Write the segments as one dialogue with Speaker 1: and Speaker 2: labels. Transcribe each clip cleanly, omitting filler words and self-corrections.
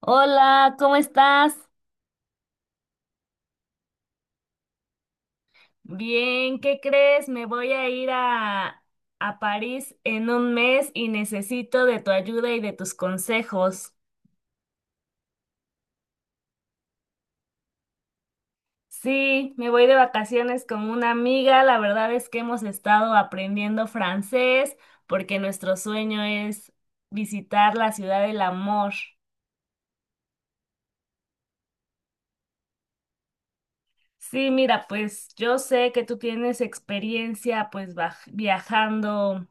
Speaker 1: Hola, ¿cómo estás? Bien, ¿qué crees? Me voy a ir a París en un mes y necesito de tu ayuda y de tus consejos. Sí, me voy de vacaciones con una amiga. La verdad es que hemos estado aprendiendo francés porque nuestro sueño es visitar la ciudad del amor. Sí, mira, pues yo sé que tú tienes experiencia pues viajando.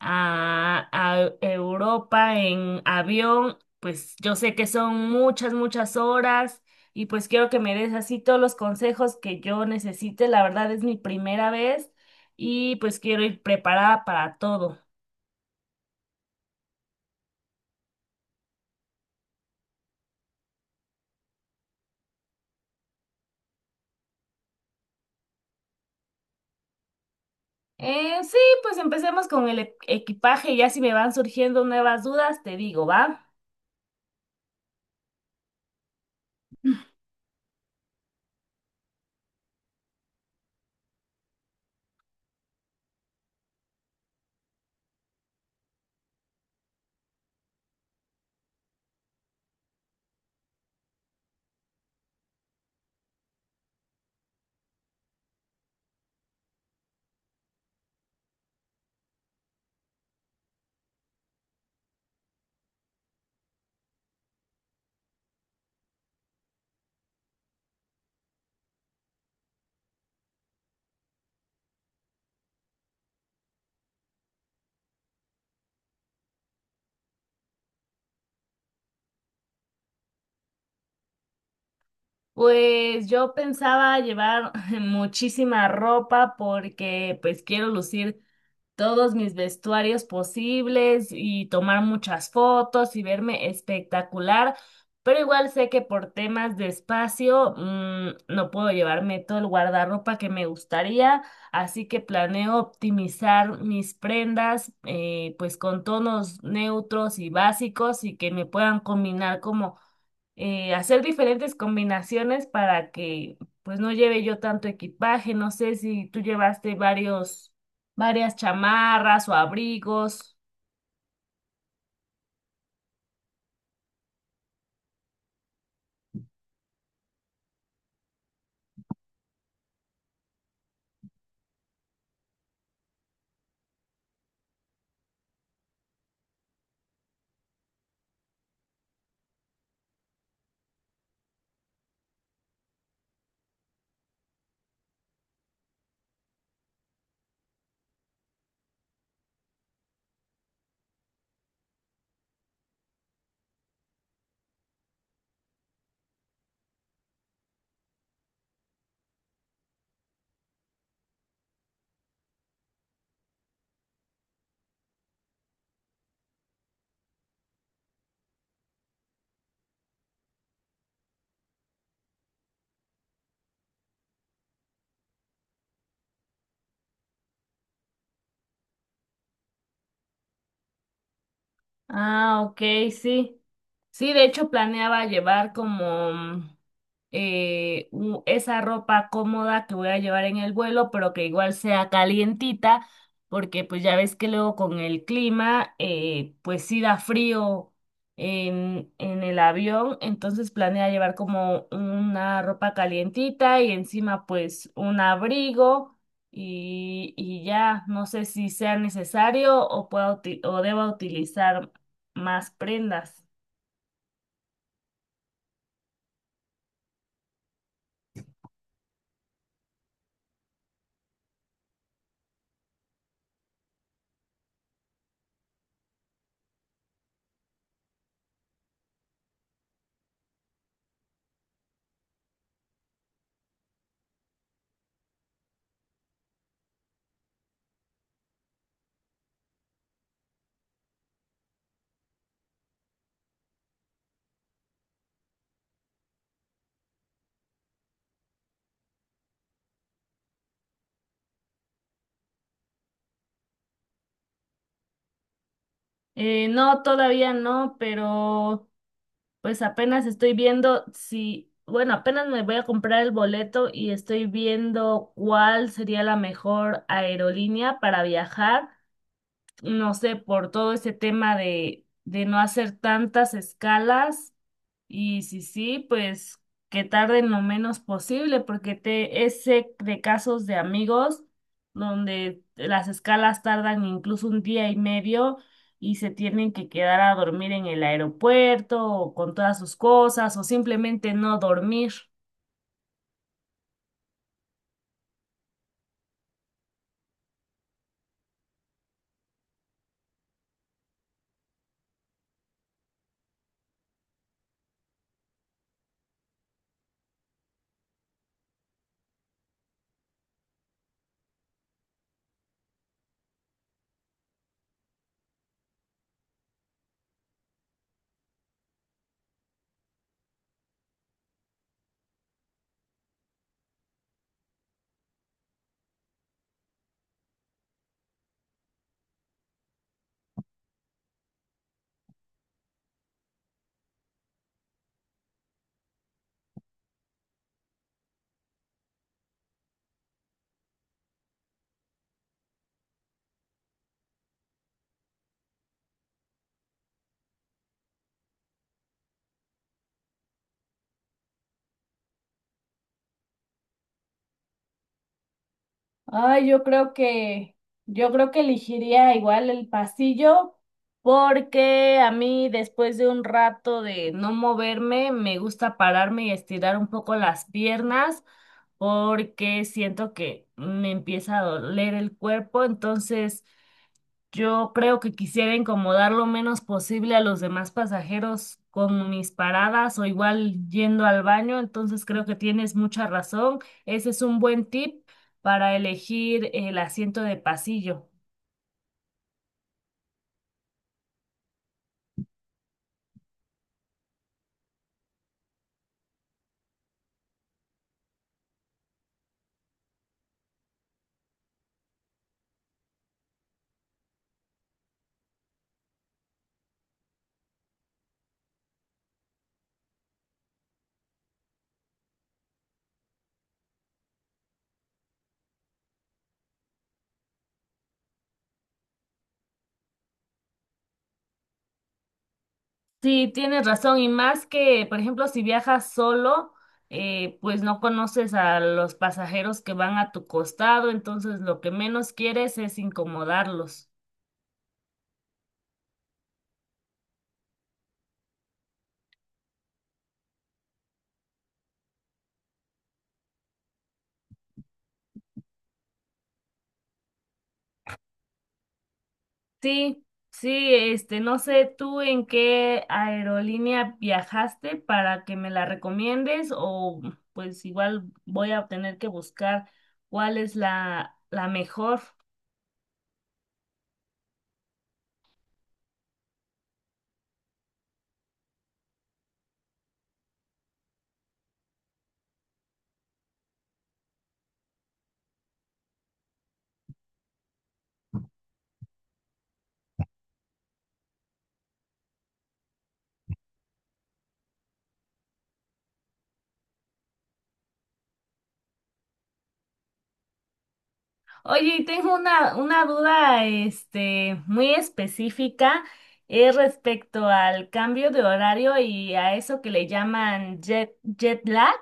Speaker 1: A Europa en avión, pues yo sé que son muchas, muchas horas y pues quiero que me des así todos los consejos que yo necesite. La verdad es mi primera vez y pues quiero ir preparada para todo. Sí, pues empecemos con el equipaje y ya si me van surgiendo nuevas dudas, te digo, ¿va? Pues yo pensaba llevar muchísima ropa porque pues quiero lucir todos mis vestuarios posibles y tomar muchas fotos y verme espectacular, pero igual sé que por temas de espacio no puedo llevarme todo el guardarropa que me gustaría, así que planeo optimizar mis prendas pues con tonos neutros y básicos y que me puedan combinar como hacer diferentes combinaciones para que pues no lleve yo tanto equipaje. No sé si tú llevaste varias chamarras o abrigos. Ah, ok, sí. Sí, de hecho planeaba llevar como esa ropa cómoda que voy a llevar en el vuelo, pero que igual sea calientita, porque pues ya ves que luego con el clima, pues sí da frío en el avión, entonces planea llevar como una ropa calientita y encima pues un abrigo y ya no sé si sea necesario o pueda o deba utilizar más prendas. No, todavía no, pero pues apenas estoy viendo si, bueno, apenas me voy a comprar el boleto y estoy viendo cuál sería la mejor aerolínea para viajar. No sé, por todo ese tema de no hacer tantas escalas. Y si sí, pues que tarden lo menos posible, porque te, ese de casos de amigos donde las escalas tardan incluso un día y medio y se tienen que quedar a dormir en el aeropuerto o con todas sus cosas o simplemente no dormir. Ay, yo creo que elegiría igual el pasillo, porque a mí después de un rato de no moverme, me gusta pararme y estirar un poco las piernas porque siento que me empieza a doler el cuerpo, entonces yo creo que quisiera incomodar lo menos posible a los demás pasajeros con mis paradas o igual yendo al baño, entonces creo que tienes mucha razón, ese es un buen tip para elegir el asiento de pasillo. Sí, tienes razón, y más que, por ejemplo, si viajas solo, pues no conoces a los pasajeros que van a tu costado, entonces lo que menos quieres es incomodarlos. Sí, sí, este, no sé tú en qué aerolínea viajaste para que me la recomiendes o pues igual voy a tener que buscar cuál es la mejor. Oye, y tengo una duda, este, muy específica, es respecto al cambio de horario y a eso que le llaman jet lag,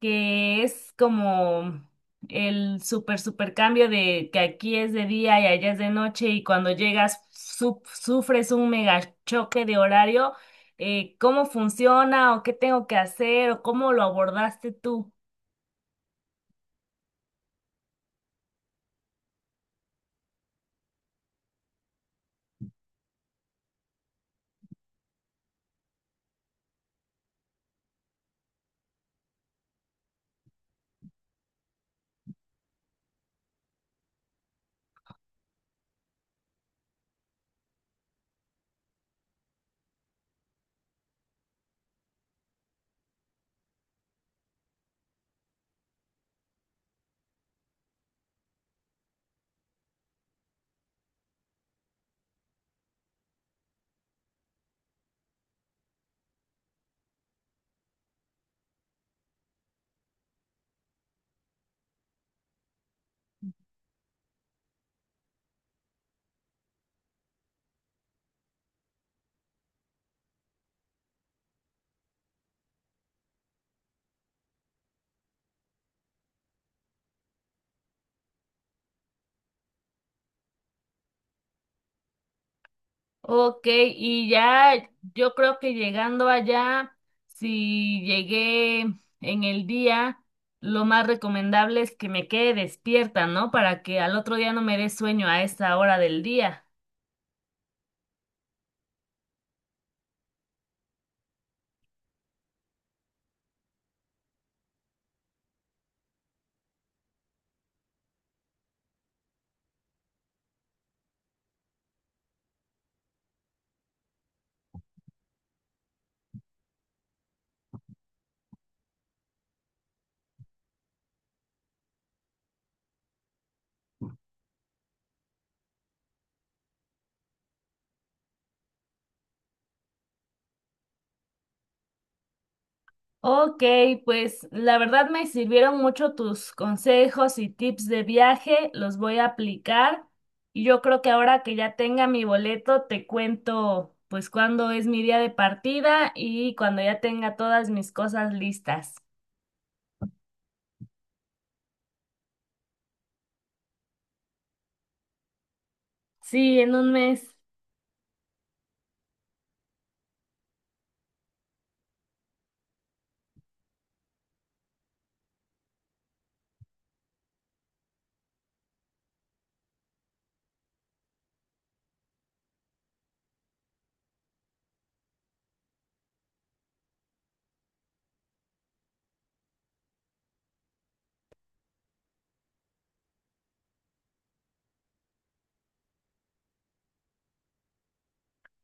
Speaker 1: que es como el super cambio de que aquí es de día y allá es de noche y cuando llegas sufres un mega choque de horario. Eh, ¿cómo funciona o qué tengo que hacer o cómo lo abordaste tú? Ok, y ya yo creo que llegando allá, si llegué en el día, lo más recomendable es que me quede despierta, ¿no? Para que al otro día no me dé sueño a esa hora del día. Ok, pues la verdad me sirvieron mucho tus consejos y tips de viaje, los voy a aplicar y yo creo que ahora que ya tenga mi boleto, te cuento pues cuándo es mi día de partida y cuando ya tenga todas mis cosas listas. Sí, en un mes.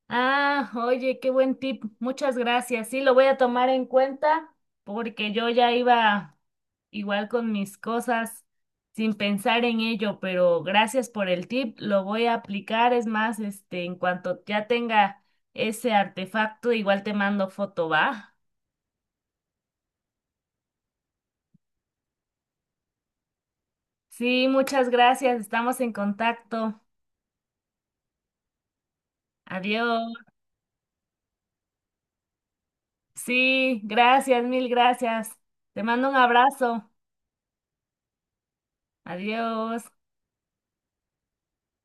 Speaker 1: Ah, oye, qué buen tip. Muchas gracias. Sí, lo voy a tomar en cuenta porque yo ya iba igual con mis cosas sin pensar en ello, pero gracias por el tip. Lo voy a aplicar. Es más, este, en cuanto ya tenga ese artefacto, igual te mando foto, ¿va? Sí, muchas gracias. Estamos en contacto. Adiós. Sí, gracias, mil gracias. Te mando un abrazo. Adiós.